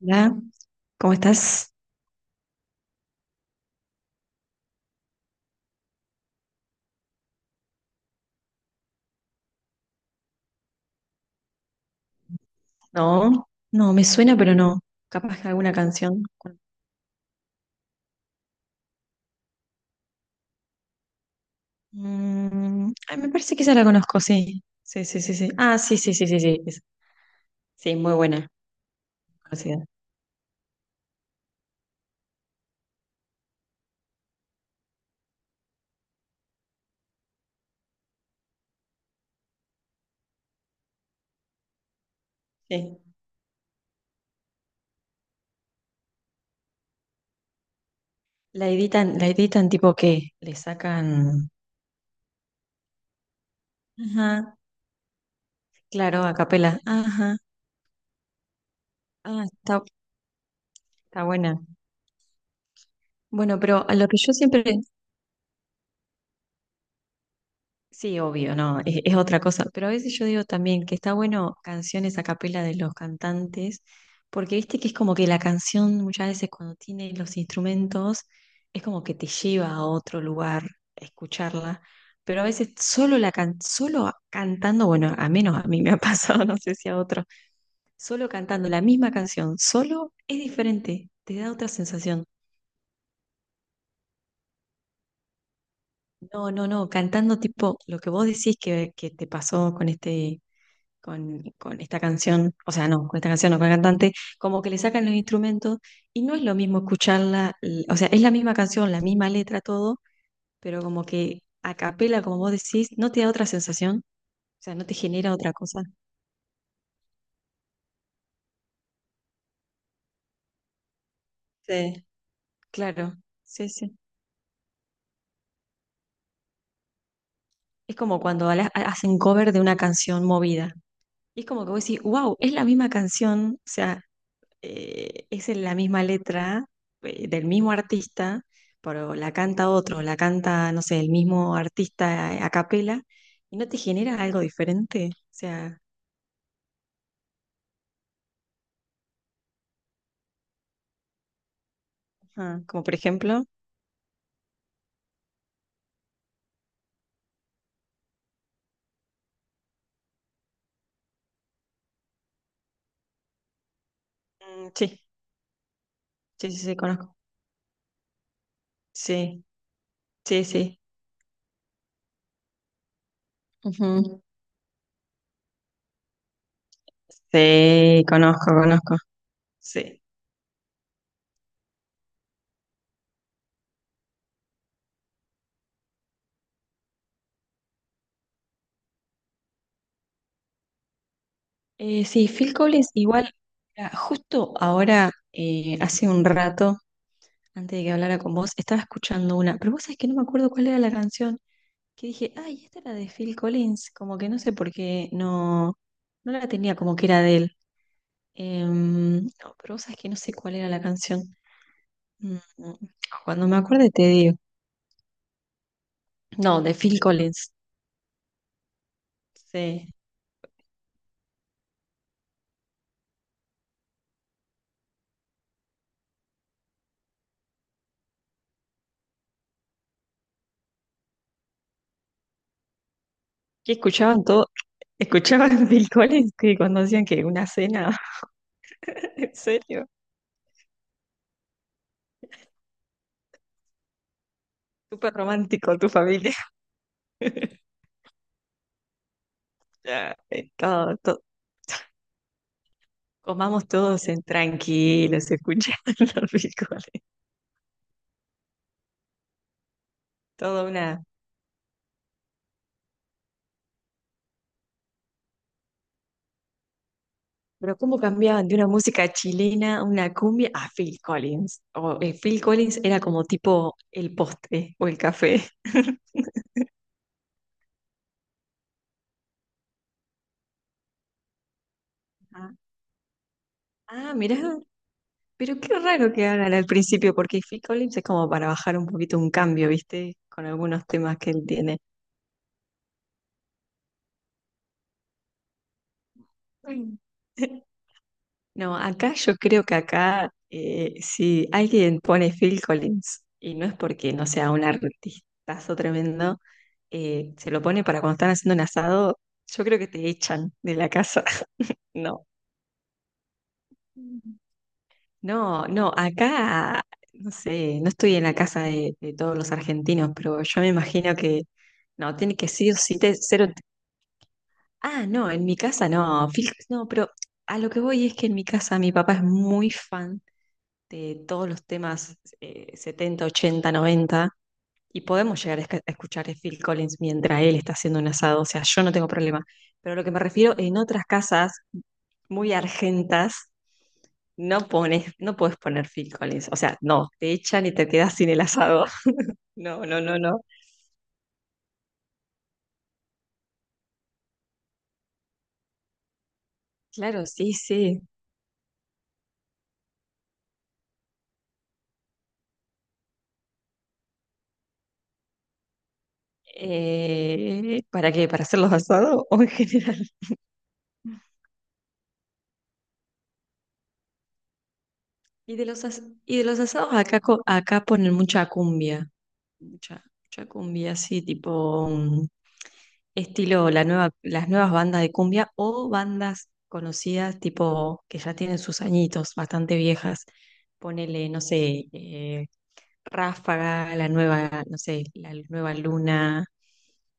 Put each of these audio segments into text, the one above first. Hola, ¿cómo estás? No, no, me suena, pero no. Capaz que alguna canción. Mm, ay, me parece que esa la conozco, sí. Sí, sí, sí, sí. Ah, sí, sí, sí, sí, sí. Sí, muy buena. Conocida. Sí. La editan tipo que le sacan. Ajá, claro, a capela. Ajá. Ah, está buena. Bueno, pero a lo que yo siempre. Sí, obvio, no, es otra cosa. Pero a veces yo digo también que está bueno canciones a capela de los cantantes, porque viste que es como que la canción muchas veces cuando tiene los instrumentos es como que te lleva a otro lugar escucharla. Pero a veces solo cantando, bueno, a menos a mí me ha pasado, no sé si a otro, solo cantando la misma canción, solo es diferente, te da otra sensación. No, no, no, cantando tipo lo que vos decís que te pasó con este con esta canción, o sea, no, con esta canción o con el cantante, como que le sacan los instrumentos y no es lo mismo escucharla, o sea, es la misma canción, la misma letra, todo, pero como que a capela, como vos decís, no te da otra sensación, o sea, no te genera otra cosa. Sí, claro, sí, sí. Es como cuando hacen cover de una canción movida. Y es como que vos decís, wow, es la misma canción, o sea, es en la misma letra del mismo artista, pero la canta otro, la canta, no sé, el mismo artista a capela, y no te genera algo diferente. O sea, ajá, como por ejemplo, mm, sí, sí, sí, sí, conozco. Sí, sí, sí. Ujú. Sí, conozco, conozco. Sí. Sí, Phil Collins igual, mira, justo ahora, hace un rato, antes de que hablara con vos, estaba escuchando una, pero vos sabés que no me acuerdo cuál era la canción. Que dije, ay, esta era de Phil Collins, como que no sé por qué no, no la tenía como que era de él. No, pero vos sabés que no sé cuál era la canción. Mm, mm. Cuando me acuerde te digo. No, de Phil Collins. Sí. Que escuchaban todo, escuchaban Phil Collins que cuando hacían que una cena, en serio, súper romántico tu familia. Ya, todo, todo. Comamos todos en tranquilos, escuchando Phil Collins. Toda una. Pero cómo cambiaban de una música chilena a una cumbia a Phil Collins. O Phil Collins era como tipo el postre o el café. Ah, ah, mirá, pero qué raro que hagan al principio, porque Phil Collins es como para bajar un poquito un cambio, ¿viste? Con algunos temas que él tiene. Mm. No, acá yo creo que acá si alguien pone Phil Collins, y no es porque no sea un artistazo tremendo, se lo pone para cuando están haciendo un asado, yo creo que te echan de la casa. No, no, no, acá, no sé, no estoy en la casa de, todos los argentinos, pero yo me imagino que, no, tiene que sí o sí, te, cero, ah, no, en mi casa no, no, pero a lo que voy es que en mi casa mi papá es muy fan de todos los temas 70, 80, 90. Y podemos llegar a a escuchar a Phil Collins mientras él está haciendo un asado, o sea, yo no tengo problema. Pero lo que me refiero, en otras casas muy argentas, no pones, no puedes poner Phil Collins. O sea, no, te echan y te quedas sin el asado. No, no, no, no. Claro, sí, sí. ¿Para qué? ¿Para hacer los asados o en general? Y de los asados acá, acá ponen mucha cumbia. Mucha, mucha cumbia, sí, tipo. Estilo la nueva, las nuevas bandas de cumbia o bandas conocidas tipo que ya tienen sus añitos, bastante viejas. Ponele, no sé, Ráfaga, la nueva, no sé, la nueva Luna,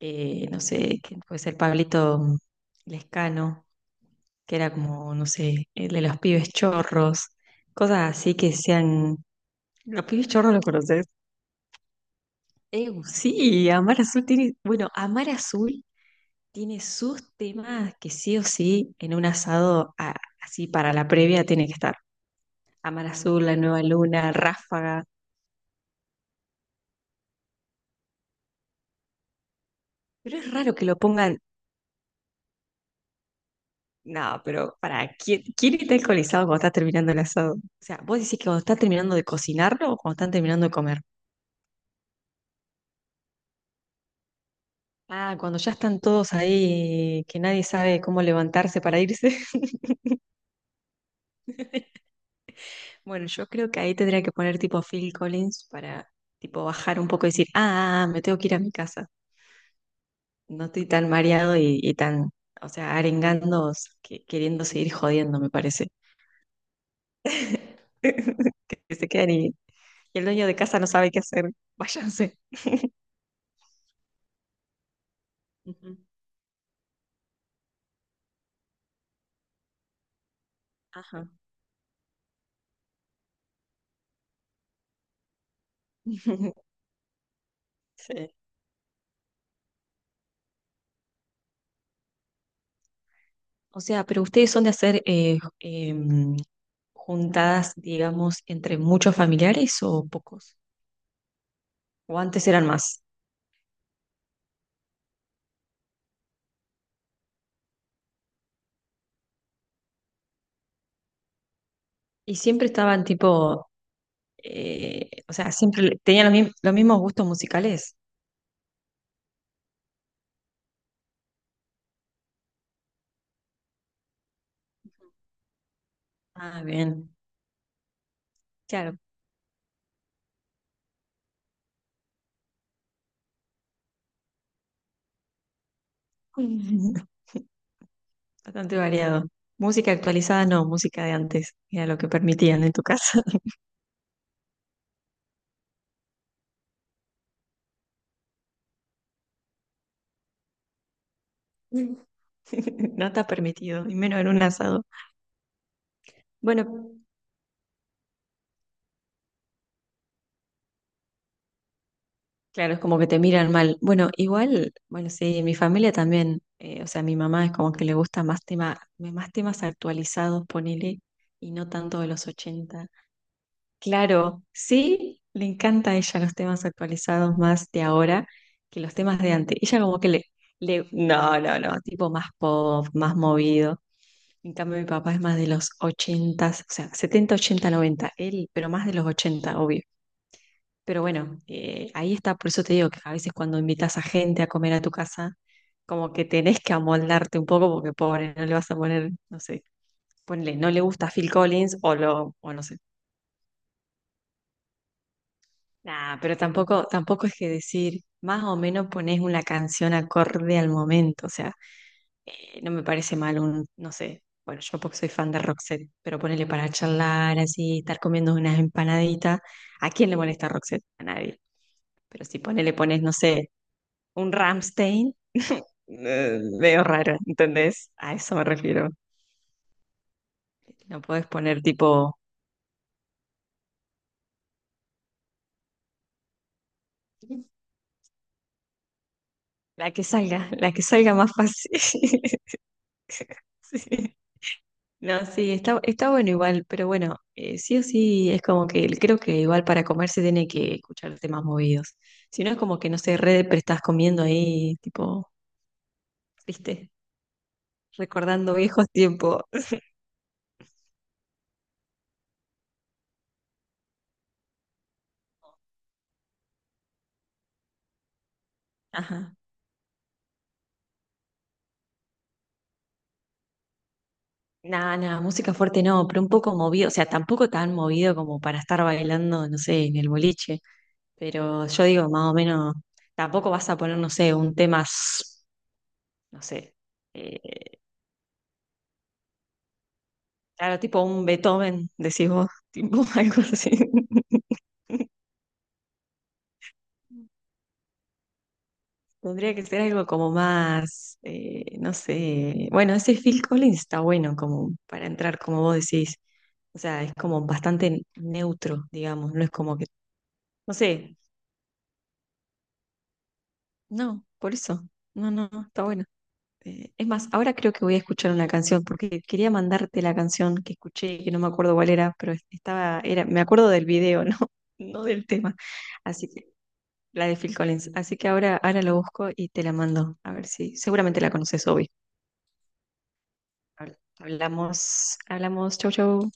no sé, ¿quién puede ser Pablito Lescano, que era como, no sé, el de los pibes chorros, cosas así que sean. Los pibes chorros los conoces. Sí, Amar Azul tiene. Bueno, Amar Azul tiene sus temas que sí o sí en un asado así para la previa tiene que estar. Amar Azul, La Nueva Luna, Ráfaga. Pero es raro que lo pongan. No, pero para, ¿quién está alcoholizado cuando está terminando el asado? O sea, vos decís que cuando está terminando de cocinarlo o cuando están terminando de comer. Ah, cuando ya están todos ahí, que nadie sabe cómo levantarse para irse. Bueno, yo creo que ahí tendría que poner tipo Phil Collins para tipo bajar un poco y decir, ah, ah, ah, me tengo que ir a mi casa. No estoy tan mareado y tan, o sea, arengando, queriendo seguir jodiendo, me parece. Que se quedan y el dueño de casa no sabe qué hacer. Váyanse. Ujú. Ajá. Sí. O sea, pero ustedes son de hacer juntadas, digamos, entre muchos familiares o pocos. O antes eran más. Y siempre estaban tipo, o sea, siempre tenían los mismos gustos musicales. Ah, bien. Claro. Bastante variado. Música actualizada no, música de antes, era lo que permitían en tu casa. No está permitido, y menos en un asado. Bueno, claro, es como que te miran mal. Bueno, igual, bueno, sí, en mi familia también, o sea, mi mamá es como que le gusta más tema, más temas actualizados, ponele, y no tanto de los ochenta. Claro, sí, le encanta a ella los temas actualizados más de ahora que los temas de antes. Ella como que le, no, no, no, tipo más pop, más movido. En cambio, mi papá es más de los 80, o sea, 70 80 90 él, pero más de los 80 obvio. Pero bueno, ahí está, por eso te digo que a veces cuando invitas a gente a comer a tu casa, como que tenés que amoldarte un poco porque pobre, no le vas a poner, no sé, ponle, no le gusta Phil Collins o lo, o no sé. Nah, pero tampoco, tampoco es que decir, más o menos ponés una canción acorde al momento, o sea, no me parece mal un, no sé, bueno, yo porque soy fan de Roxette, pero ponele para charlar así, estar comiendo unas empanaditas. ¿A quién le molesta Roxette? A nadie. Pero si ponele, pones, no sé, un Rammstein, veo raro, ¿entendés? A eso me refiero. No podés poner tipo la que salga más fácil. Sí. No, sí, está bueno igual, pero bueno, sí o sí es como que creo que igual para comer se tiene que escuchar temas movidos. Si no es como que, no sé, re depre estás comiendo ahí, tipo, viste, recordando viejos tiempos. Ajá. Nada, nada, música fuerte no, pero un poco movido, o sea, tampoco tan movido como para estar bailando, no sé, en el boliche, pero yo digo, más o menos, tampoco vas a poner, no sé, un tema, no sé, eh, claro, tipo un Beethoven, decís vos, tipo algo así. Tendría que ser algo como más, no sé. Bueno, ese Phil Collins está bueno como para entrar, como vos decís. O sea, es como bastante neutro, digamos. No es como que, no sé, no, por eso. No, no, no, está bueno. Es más, ahora creo que voy a escuchar una canción porque quería mandarte la canción que escuché, que no me acuerdo cuál era, pero estaba, era, me acuerdo del video, ¿no? No del tema. Así que, la de Phil Collins. Así que ahora, lo busco y te la mando. A ver si, seguramente la conoces, obvio. Hablamos, hablamos, chau, chau.